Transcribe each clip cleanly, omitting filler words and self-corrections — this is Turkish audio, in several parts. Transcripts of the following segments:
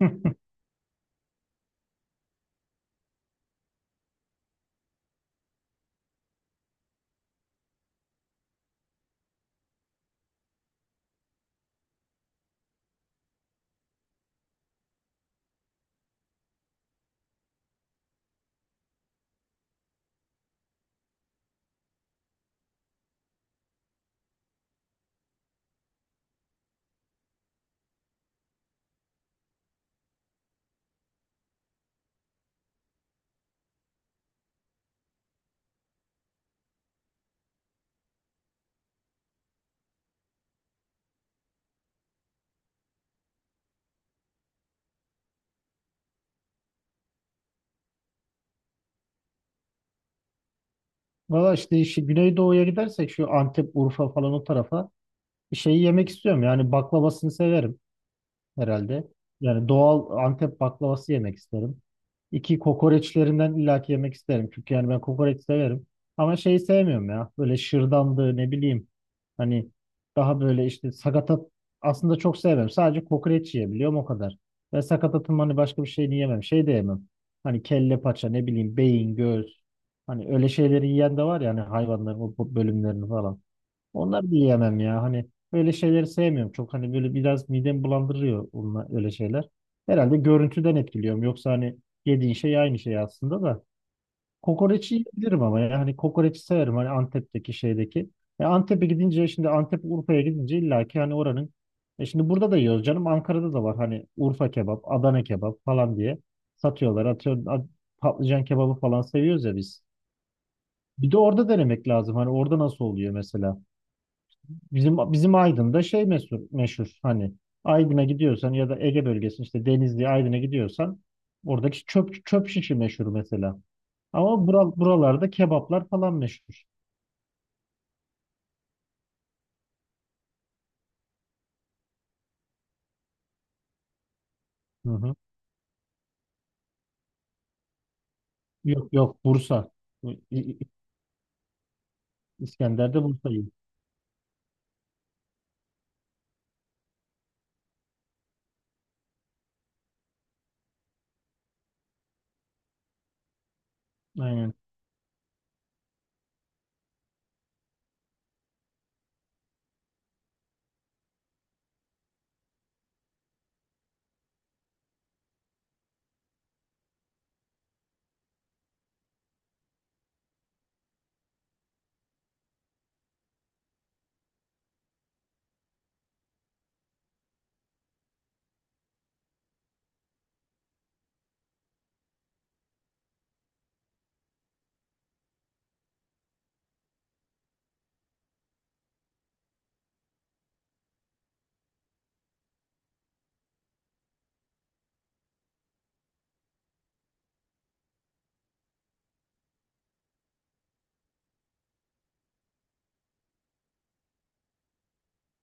Valla işte Güneydoğu'ya gidersek şu Antep, Urfa falan o tarafa şeyi yemek istiyorum. Yani baklavasını severim herhalde. Yani doğal Antep baklavası yemek isterim. İki kokoreçlerinden illaki yemek isterim. Çünkü yani ben kokoreç severim. Ama şeyi sevmiyorum ya. Böyle şırdandı ne bileyim. Hani daha böyle işte sakatat aslında çok sevmem. Sadece kokoreç yiyebiliyorum o kadar. Ve sakatatın hani başka bir şeyini yemem. Şey de yemem. Hani kelle paça ne bileyim beyin, göğüs. Hani öyle şeyleri yiyen de var ya hani hayvanların bölümlerini falan. Onları da yiyemem ya. Hani öyle şeyleri sevmiyorum. Çok hani böyle biraz midemi bulandırıyor onlar, öyle şeyler. Herhalde görüntüden etkiliyorum. Yoksa hani yediğin şey aynı şey aslında da. Kokoreçi yiyebilirim ama yani hani kokoreçi severim hani Antep'teki şeydeki. E Antep'e gidince şimdi Antep Urfa'ya gidince illa ki hani oranın e şimdi burada da yiyoruz canım Ankara'da da var hani Urfa kebap, Adana kebap falan diye satıyorlar. Patlıcan kebabı falan seviyoruz ya biz. Bir de orada denemek lazım. Hani orada nasıl oluyor mesela? Bizim Aydın'da şey meşhur, meşhur hani Aydın'a gidiyorsan ya da Ege bölgesi işte Denizli Aydın'a gidiyorsan oradaki çöp şişi meşhur mesela. Ama buralarda kebaplar falan meşhur. Hı hı. Yok yok Bursa. İ- İ- İskender'de Bursa'yım. Aynen.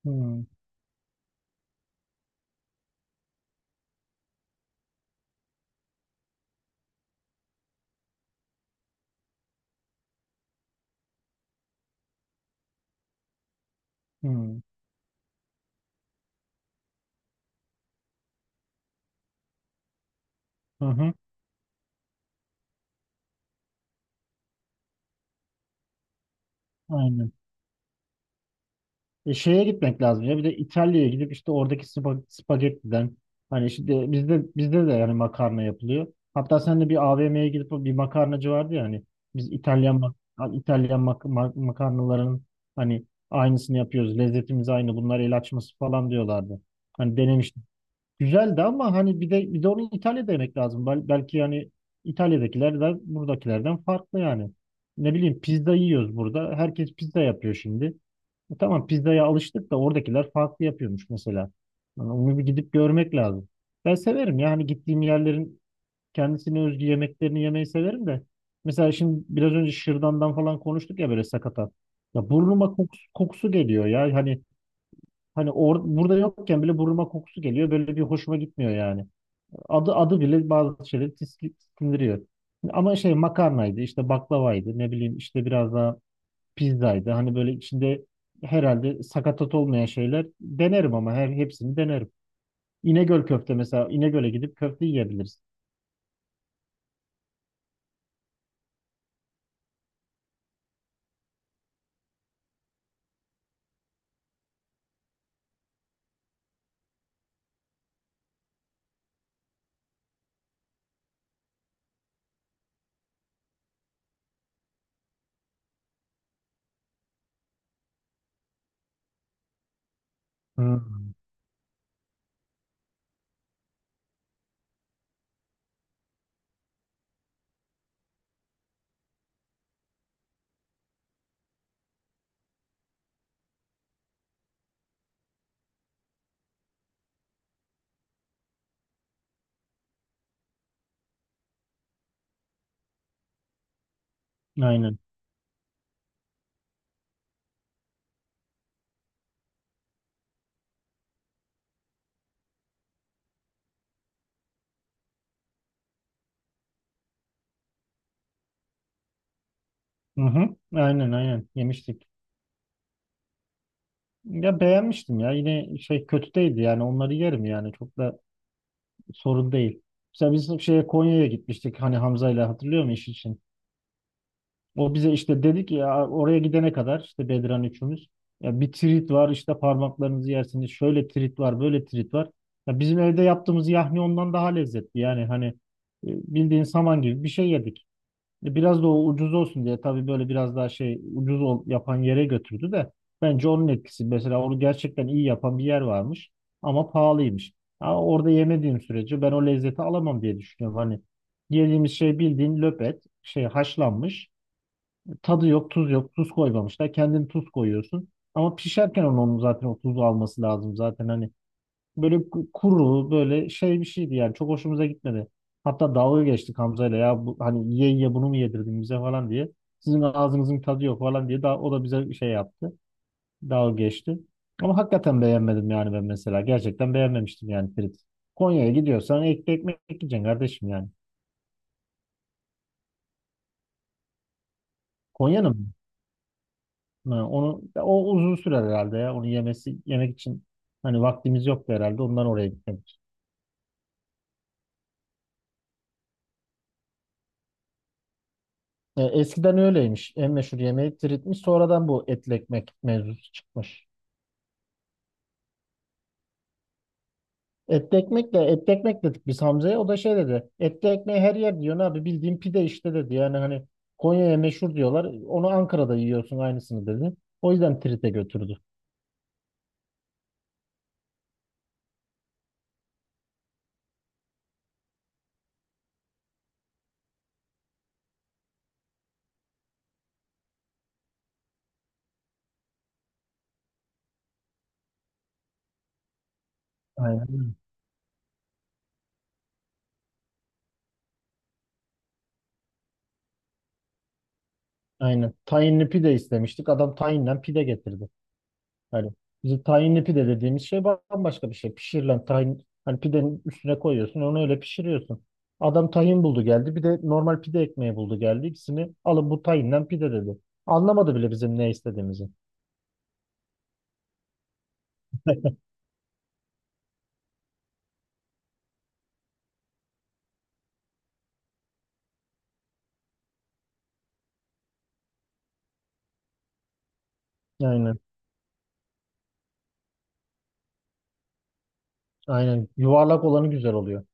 Hı hı. Hı hı. Aynen. E, şeye gitmek lazım ya. Bir de İtalya'ya gidip işte oradaki spagettiden hani işte bizde de yani makarna yapılıyor. Hatta sen de bir AVM'ye gidip o bir makarnacı vardı ya hani biz makarnaların hani aynısını yapıyoruz. Lezzetimiz aynı. Bunlar el açması falan diyorlardı. Hani denemiştim. Güzeldi ama hani bir de onu İtalya'da yemek lazım. Belki yani İtalya'dakiler de buradakilerden farklı yani. Ne bileyim pizza yiyoruz burada. Herkes pizza yapıyor şimdi. E tamam pizzaya alıştık da oradakiler farklı yapıyormuş mesela. Yani onu bir gidip görmek lazım. Ben severim yani gittiğim yerlerin kendisine özgü yemeklerini yemeyi severim de. Mesela şimdi biraz önce şırdandan falan konuştuk ya böyle sakatat. Ya burnuma kokusu geliyor ya hani hani burada yokken bile burnuma kokusu geliyor böyle bir hoşuma gitmiyor yani. Adı bile bazı şeyleri tiksindiriyor. Ama şey makarnaydı işte baklavaydı ne bileyim işte biraz daha pizzaydı. Hani böyle içinde herhalde sakatat olmayan şeyler denerim ama her hepsini denerim. İnegöl köfte mesela İnegöl'e gidip köfte yiyebiliriz. Hı. Aynen. Hı hı. Aynen, aynen yemiştik. Ya beğenmiştim ya yine şey kötü değildi yani onları yerim yani çok da sorun değil. Mesela biz şeye Konya'ya gitmiştik hani Hamza ile hatırlıyor musun iş için? O bize işte dedik ya oraya gidene kadar işte Bedran üçümüz. Ya bir trit var işte parmaklarınızı yersiniz. Şöyle trit var, böyle trit var. Ya bizim evde yaptığımız yahni ondan daha lezzetli. Yani hani bildiğin saman gibi bir şey yedik. Biraz da o ucuz olsun diye tabii böyle biraz daha şey yapan yere götürdü de bence onun etkisi. Mesela onu gerçekten iyi yapan bir yer varmış ama pahalıymış. Ha, orada yemediğim sürece ben o lezzeti alamam diye düşünüyorum. Hani yediğimiz şey bildiğin löpet, şey haşlanmış tadı yok, tuz yok. Tuz koymamışlar. Kendin tuz koyuyorsun. Ama pişerken onun zaten o tuzu alması lazım zaten hani. Böyle kuru, böyle şey bir şeydi yani. Çok hoşumuza gitmedi. Hatta dalga geçtik Hamza'yla ya bu, hani ye bunu mu yedirdin bize falan diye. Sizin ağzınızın tadı yok falan diye daha, o da bize şey yaptı. Dalga geçti. Ama hakikaten beğenmedim yani ben mesela. Gerçekten beğenmemiştim yani Ferit. Konya'ya gidiyorsan ekmek yiyeceksin kardeşim yani. Konya'nın mı? Ha, onu o uzun sürer herhalde ya. Onu yemek için hani vaktimiz yoktu herhalde. Ondan oraya gitmedik. E, eskiden öyleymiş. En meşhur yemeği tiritmiş. Sonradan bu etli ekmek mevzusu çıkmış. Etli ekmek dedik biz Hamza'ya. O da şey dedi. Etli ekmeği her yer diyor abi bildiğin pide işte dedi. Yani hani Konya'ya meşhur diyorlar. Onu Ankara'da yiyorsun aynısını dedi. O yüzden trite götürdü. Aynen. Aynen. Tayinli pide istemiştik. Adam tayinden pide getirdi. Yani bizim tahinli pide dediğimiz şey bambaşka bir şey. Pişirilen tahin hani pidenin üstüne koyuyorsun onu öyle pişiriyorsun. Adam tahin buldu geldi bir de normal pide ekmeği buldu geldi. İkisini alın bu tahinden pide dedi. Anlamadı bile bizim ne istediğimizi. Aynen, aynen yuvarlak olanı güzel oluyor.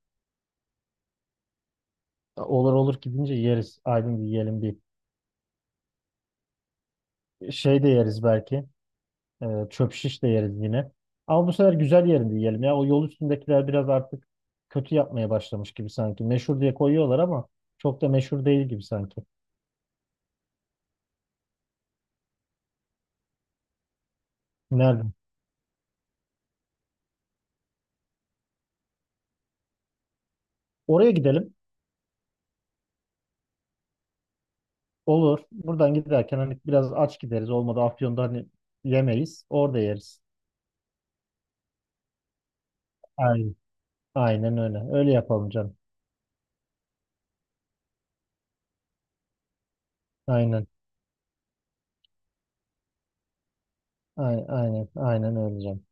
Olur gidince yeriz. Aydın bir yiyelim bir şey de yeriz belki. Çöp şiş de yeriz yine. Ama bu sefer güzel yerinde yiyelim ya. O yol üstündekiler biraz artık kötü yapmaya başlamış gibi sanki. Meşhur diye koyuyorlar ama çok da meşhur değil gibi sanki. Nerede? Oraya gidelim. Olur. Buradan giderken hani biraz aç gideriz. Olmadı Afyon'da hani yemeyiz. Orada yeriz. Aynen. Aynen öyle. Öyle yapalım canım. Aynen. Aynen. Aynen, aynen öyle canım.